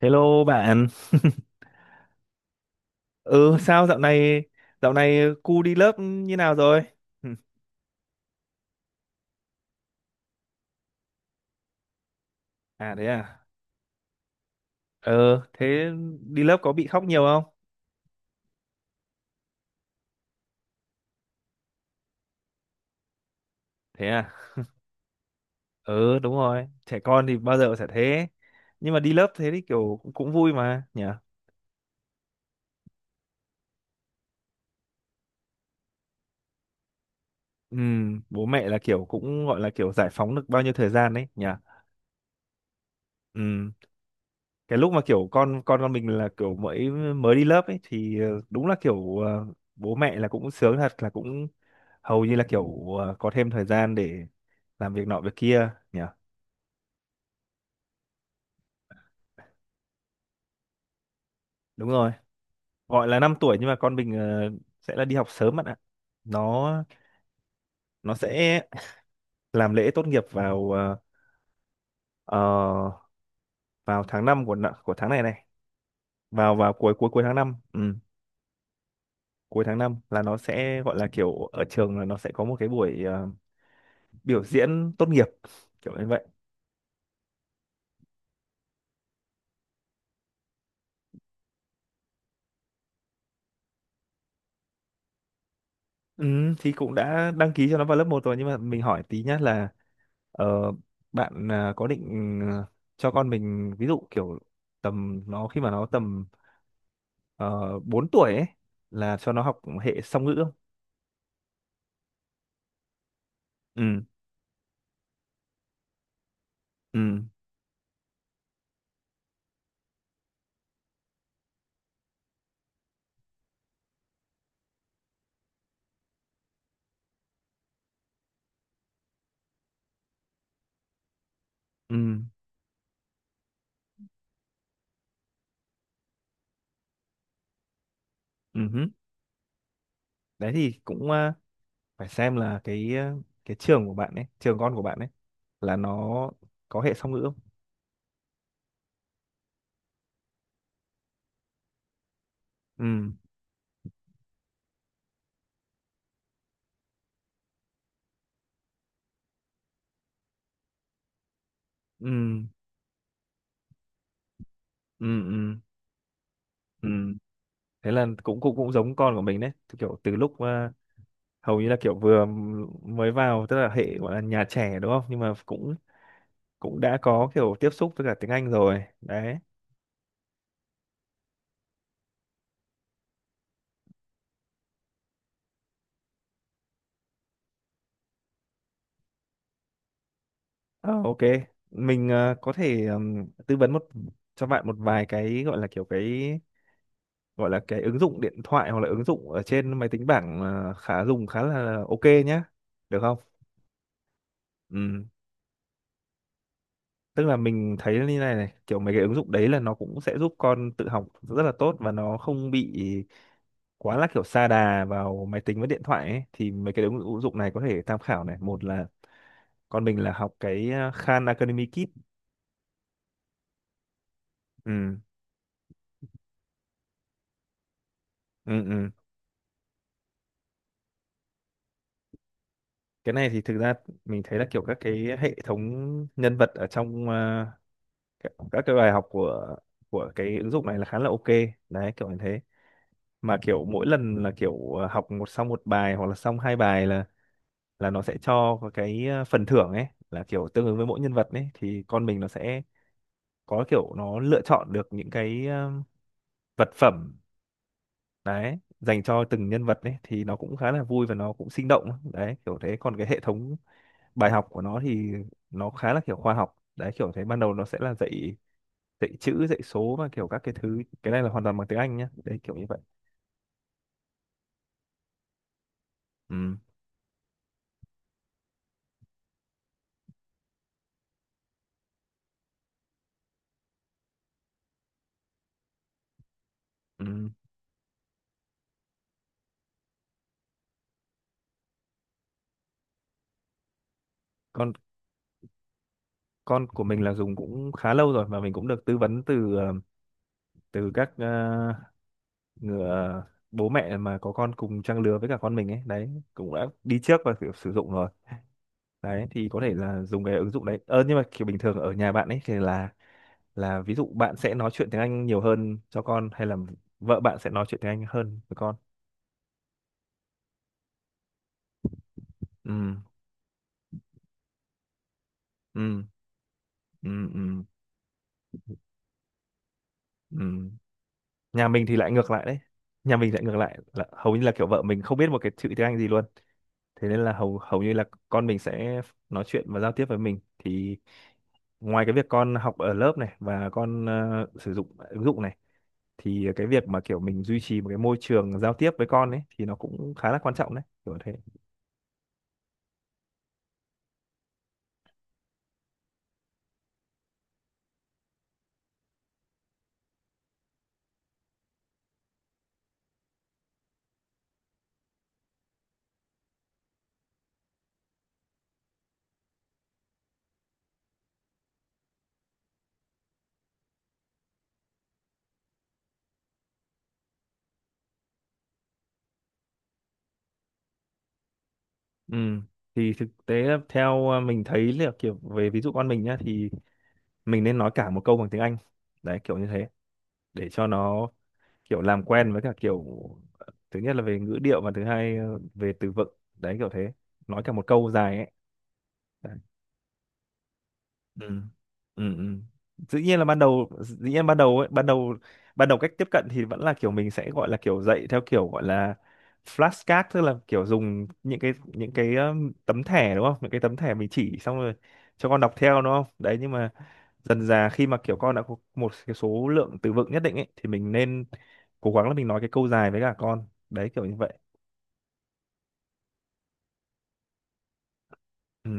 Hello bạn. Ừ sao dạo này cu đi lớp như nào rồi? À thế à. Ờ thế đi lớp có bị khóc nhiều không? Thế à. Ừ, đúng rồi, trẻ con thì bao giờ cũng sẽ thế. Nhưng mà đi lớp thế thì kiểu cũng vui mà nhỉ. Ừ, bố mẹ là kiểu cũng gọi là kiểu giải phóng được bao nhiêu thời gian đấy nhỉ. Ừ, cái lúc mà kiểu con mình là kiểu mới mới đi lớp ấy thì đúng là kiểu bố mẹ là cũng sướng thật, là cũng hầu như là kiểu có thêm thời gian để làm việc nọ việc kia nhỉ. Đúng rồi, gọi là 5 tuổi nhưng mà con mình sẽ là đi học sớm bạn ạ. nó nó sẽ làm lễ tốt nghiệp vào ờ, vào tháng 5 của của tháng này này, vào vào cuối cuối cuối tháng năm. Ừ, cuối tháng năm là nó sẽ gọi là kiểu ở trường là nó sẽ có một cái buổi biểu diễn tốt nghiệp kiểu như vậy. Ừ, thì cũng đã đăng ký cho nó vào lớp một rồi nhưng mà mình hỏi tí nhá là. Ờ, bạn à, có định à, cho con mình ví dụ kiểu tầm nó khi mà nó tầm 4 tuổi ấy là cho nó học hệ song ngữ không? Ừ, ừ, ừ, ừ hứ. Đấy thì cũng à, phải xem là cái à, cái trường của bạn ấy, trường con của bạn ấy là nó có hệ song ngữ không? Ừ, ừ, ừ, ừ, ừ. Thế là cũng cũng cũng giống con của mình đấy. Thì kiểu từ lúc à, hầu như là kiểu vừa mới vào tức là hệ gọi là nhà trẻ đúng không? Nhưng mà cũng cũng đã có kiểu tiếp xúc với cả tiếng Anh rồi đấy. Ờ, ok, mình có thể tư vấn một, cho bạn một vài cái gọi là kiểu cái gọi là cái ứng dụng điện thoại hoặc là ứng dụng ở trên máy tính bảng khá dùng khá là ok nhá, được không? Ừm, tức là mình thấy như này này kiểu mấy cái ứng dụng đấy là nó cũng sẽ giúp con tự học rất là tốt và nó không bị quá là kiểu sa đà vào máy tính với điện thoại ấy. Thì mấy cái ứng ứng dụng này có thể tham khảo, này, một là con mình là học cái Khan Academy Kit. Ừ ừ ừ, cái này thì thực ra mình thấy là kiểu các cái hệ thống nhân vật ở trong các cái bài học của cái ứng dụng này là khá là ok đấy kiểu như thế. Mà kiểu mỗi lần là kiểu học một, xong một bài hoặc là xong hai bài là nó sẽ cho có cái phần thưởng ấy, là kiểu tương ứng với mỗi nhân vật ấy thì con mình nó sẽ có kiểu nó lựa chọn được những cái vật phẩm đấy dành cho từng nhân vật ấy, thì nó cũng khá là vui và nó cũng sinh động đấy kiểu thế. Còn cái hệ thống bài học của nó thì nó khá là kiểu khoa học đấy kiểu thế, ban đầu nó sẽ là dạy dạy chữ dạy số và kiểu các cái thứ, cái này là hoàn toàn bằng tiếng Anh nhá đấy kiểu như vậy. Ừ, ừ. con con của mình là dùng cũng khá lâu rồi, mà mình cũng được tư vấn từ từ các người, bố mẹ mà có con cùng trang lứa với cả con mình ấy đấy, cũng đã đi trước và kiểu sử dụng rồi đấy. Thì có thể là dùng cái ứng dụng đấy ờ, nhưng mà kiểu bình thường ở nhà bạn ấy thì là ví dụ bạn sẽ nói chuyện tiếng Anh nhiều hơn cho con hay là vợ bạn sẽ nói chuyện tiếng Anh hơn với con? Ừ ừ ừ ừ ừ. Nhà mình thì lại ngược lại đấy, nhà mình lại ngược lại là hầu như là kiểu vợ mình không biết một cái chữ tiếng Anh gì luôn. Thế nên là hầu hầu như là con mình sẽ nói chuyện và giao tiếp với mình, thì ngoài cái việc con học ở lớp này và con sử dụng ứng dụng này thì cái việc mà kiểu mình duy trì một cái môi trường giao tiếp với con ấy thì nó cũng khá là quan trọng đấy kiểu thế. Ừ. Thì thực tế là theo à, mình thấy là kiểu về ví dụ con mình nhá thì mình nên nói cả một câu bằng tiếng Anh đấy kiểu như thế, để cho nó kiểu làm quen với cả kiểu, thứ nhất là về ngữ điệu và thứ hai về từ vựng, đấy kiểu thế, nói cả một câu dài ấy. Ừ ừ ừ. Dĩ nhiên là ban đầu, dĩ nhiên ban đầu ấy, ban đầu cách tiếp cận thì vẫn là kiểu mình sẽ gọi là kiểu dạy theo kiểu gọi là flashcard, tức là kiểu dùng những cái tấm thẻ đúng không, những cái tấm thẻ mình chỉ xong rồi cho con đọc theo đúng không, đấy, nhưng mà dần dà khi mà kiểu con đã có một cái số lượng từ vựng nhất định ấy thì mình nên cố gắng là mình nói cái câu dài với cả con, đấy kiểu như vậy. Ừ.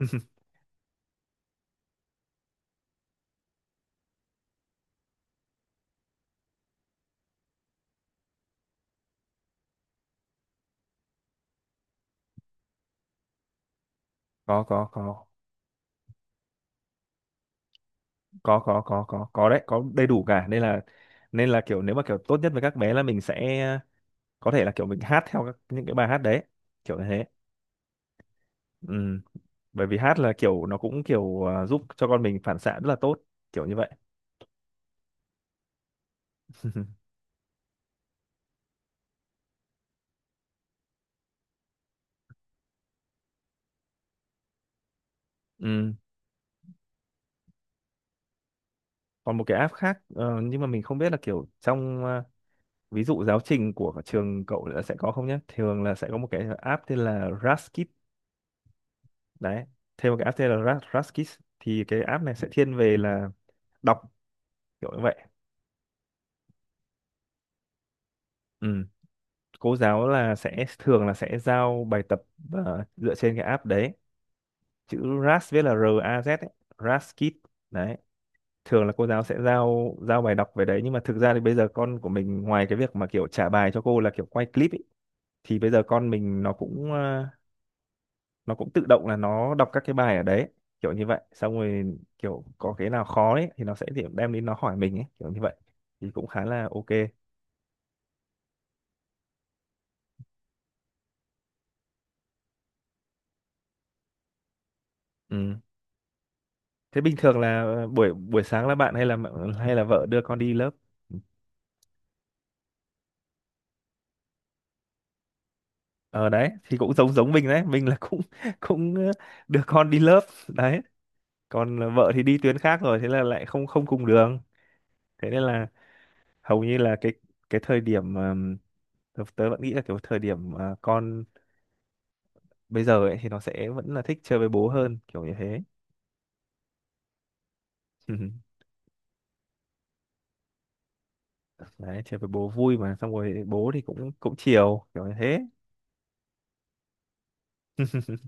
Có có, đấy có đầy đủ cả, nên là kiểu nếu mà kiểu tốt nhất với các bé là mình sẽ có thể là kiểu mình hát theo các, những cái bài hát đấy kiểu như thế. Ừ. Bởi vì hát là kiểu nó cũng kiểu à, giúp cho con mình phản xạ rất là tốt kiểu như vậy. Ừ. Còn một cái app khác nhưng mà mình không biết là kiểu trong à, ví dụ giáo trình của trường cậu là sẽ có không nhé, thường là sẽ có một cái app tên là Raskid đấy, thêm một cái app tên là Raskid, thì cái app này sẽ thiên về là đọc kiểu như vậy. Ừ. Cô giáo là sẽ thường là sẽ giao bài tập dựa trên cái app đấy. Chữ RAS viết là R A Z ấy. RAS Kit đấy. Thường là cô giáo sẽ giao giao bài đọc về đấy, nhưng mà thực ra thì bây giờ con của mình ngoài cái việc mà kiểu trả bài cho cô là kiểu quay clip ấy, thì bây giờ con mình nó cũng nó cũng tự động là nó đọc các cái bài ở đấy kiểu như vậy, xong rồi kiểu có cái nào khó ấy thì nó sẽ điểm đem đến nó hỏi mình ấy kiểu như vậy, thì cũng khá là ok. Ừ. Thế bình thường là buổi buổi sáng là bạn hay là hay là vợ đưa con đi lớp? Ờ đấy, thì cũng giống giống mình đấy, mình là cũng cũng đưa con đi lớp đấy. Còn vợ thì đi tuyến khác rồi, thế là lại không không cùng đường. Thế nên là hầu như là cái thời điểm tớ tớ vẫn nghĩ là kiểu thời điểm con bây giờ ấy thì nó sẽ vẫn là thích chơi với bố hơn, kiểu như thế. Đấy, chơi với bố vui mà, xong rồi bố thì cũng cũng chiều kiểu như thế.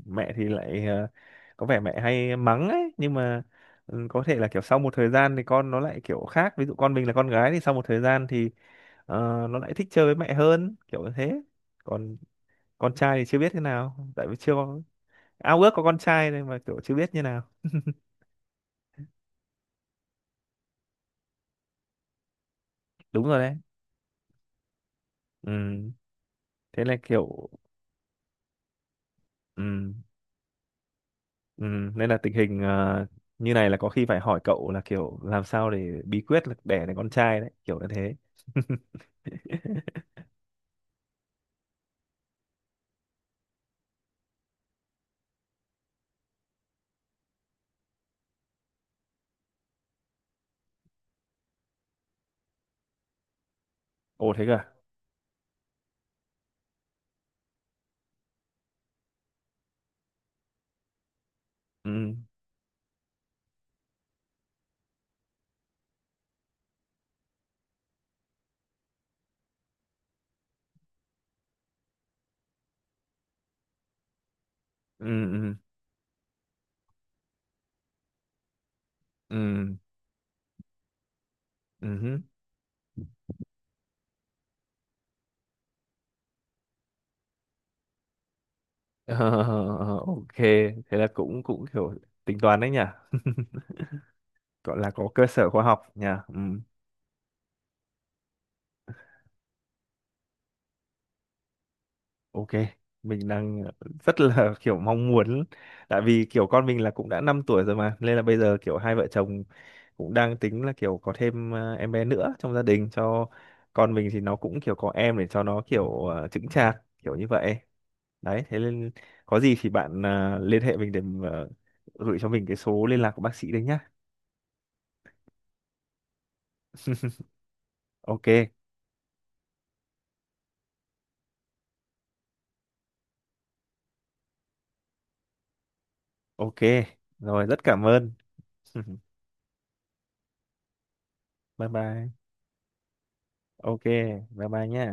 Mẹ thì lại có vẻ mẹ hay mắng ấy, nhưng mà ừ, có thể là kiểu sau một thời gian thì con nó lại kiểu khác, ví dụ con mình là con gái thì sau một thời gian thì ờ, nó lại thích chơi với mẹ hơn kiểu như thế. Còn con trai thì chưa biết thế nào, tại vì chưa có, ao ước có con trai nên mà kiểu chưa biết như nào. Đúng rồi đấy. Ừ. Thế là kiểu ừ. Ừ. Nên là tình hình như này là có khi phải hỏi cậu là kiểu làm sao, để bí quyết là đẻ được con trai đấy kiểu như thế. Ồ thế cơ à? Ừ. Ừ ừ ừ ừ hứ. Ờ, ok, thế là cũng cũng kiểu tính toán đấy nhỉ, gọi là có cơ sở khoa học nhỉ. Ừ. Ok, mình đang rất là kiểu mong muốn, tại vì kiểu con mình là cũng đã 5 tuổi rồi mà, nên là bây giờ kiểu hai vợ chồng cũng đang tính là kiểu có thêm em bé nữa trong gia đình, cho con mình thì nó cũng kiểu có em để cho nó kiểu chững chạc kiểu như vậy đấy. Thế nên có gì thì bạn liên hệ mình để gửi cho mình cái số liên lạc của bác sĩ đấy nhá. Ok. Ok rồi, rất cảm ơn. Bye bye. Ok. Bye bye nhé.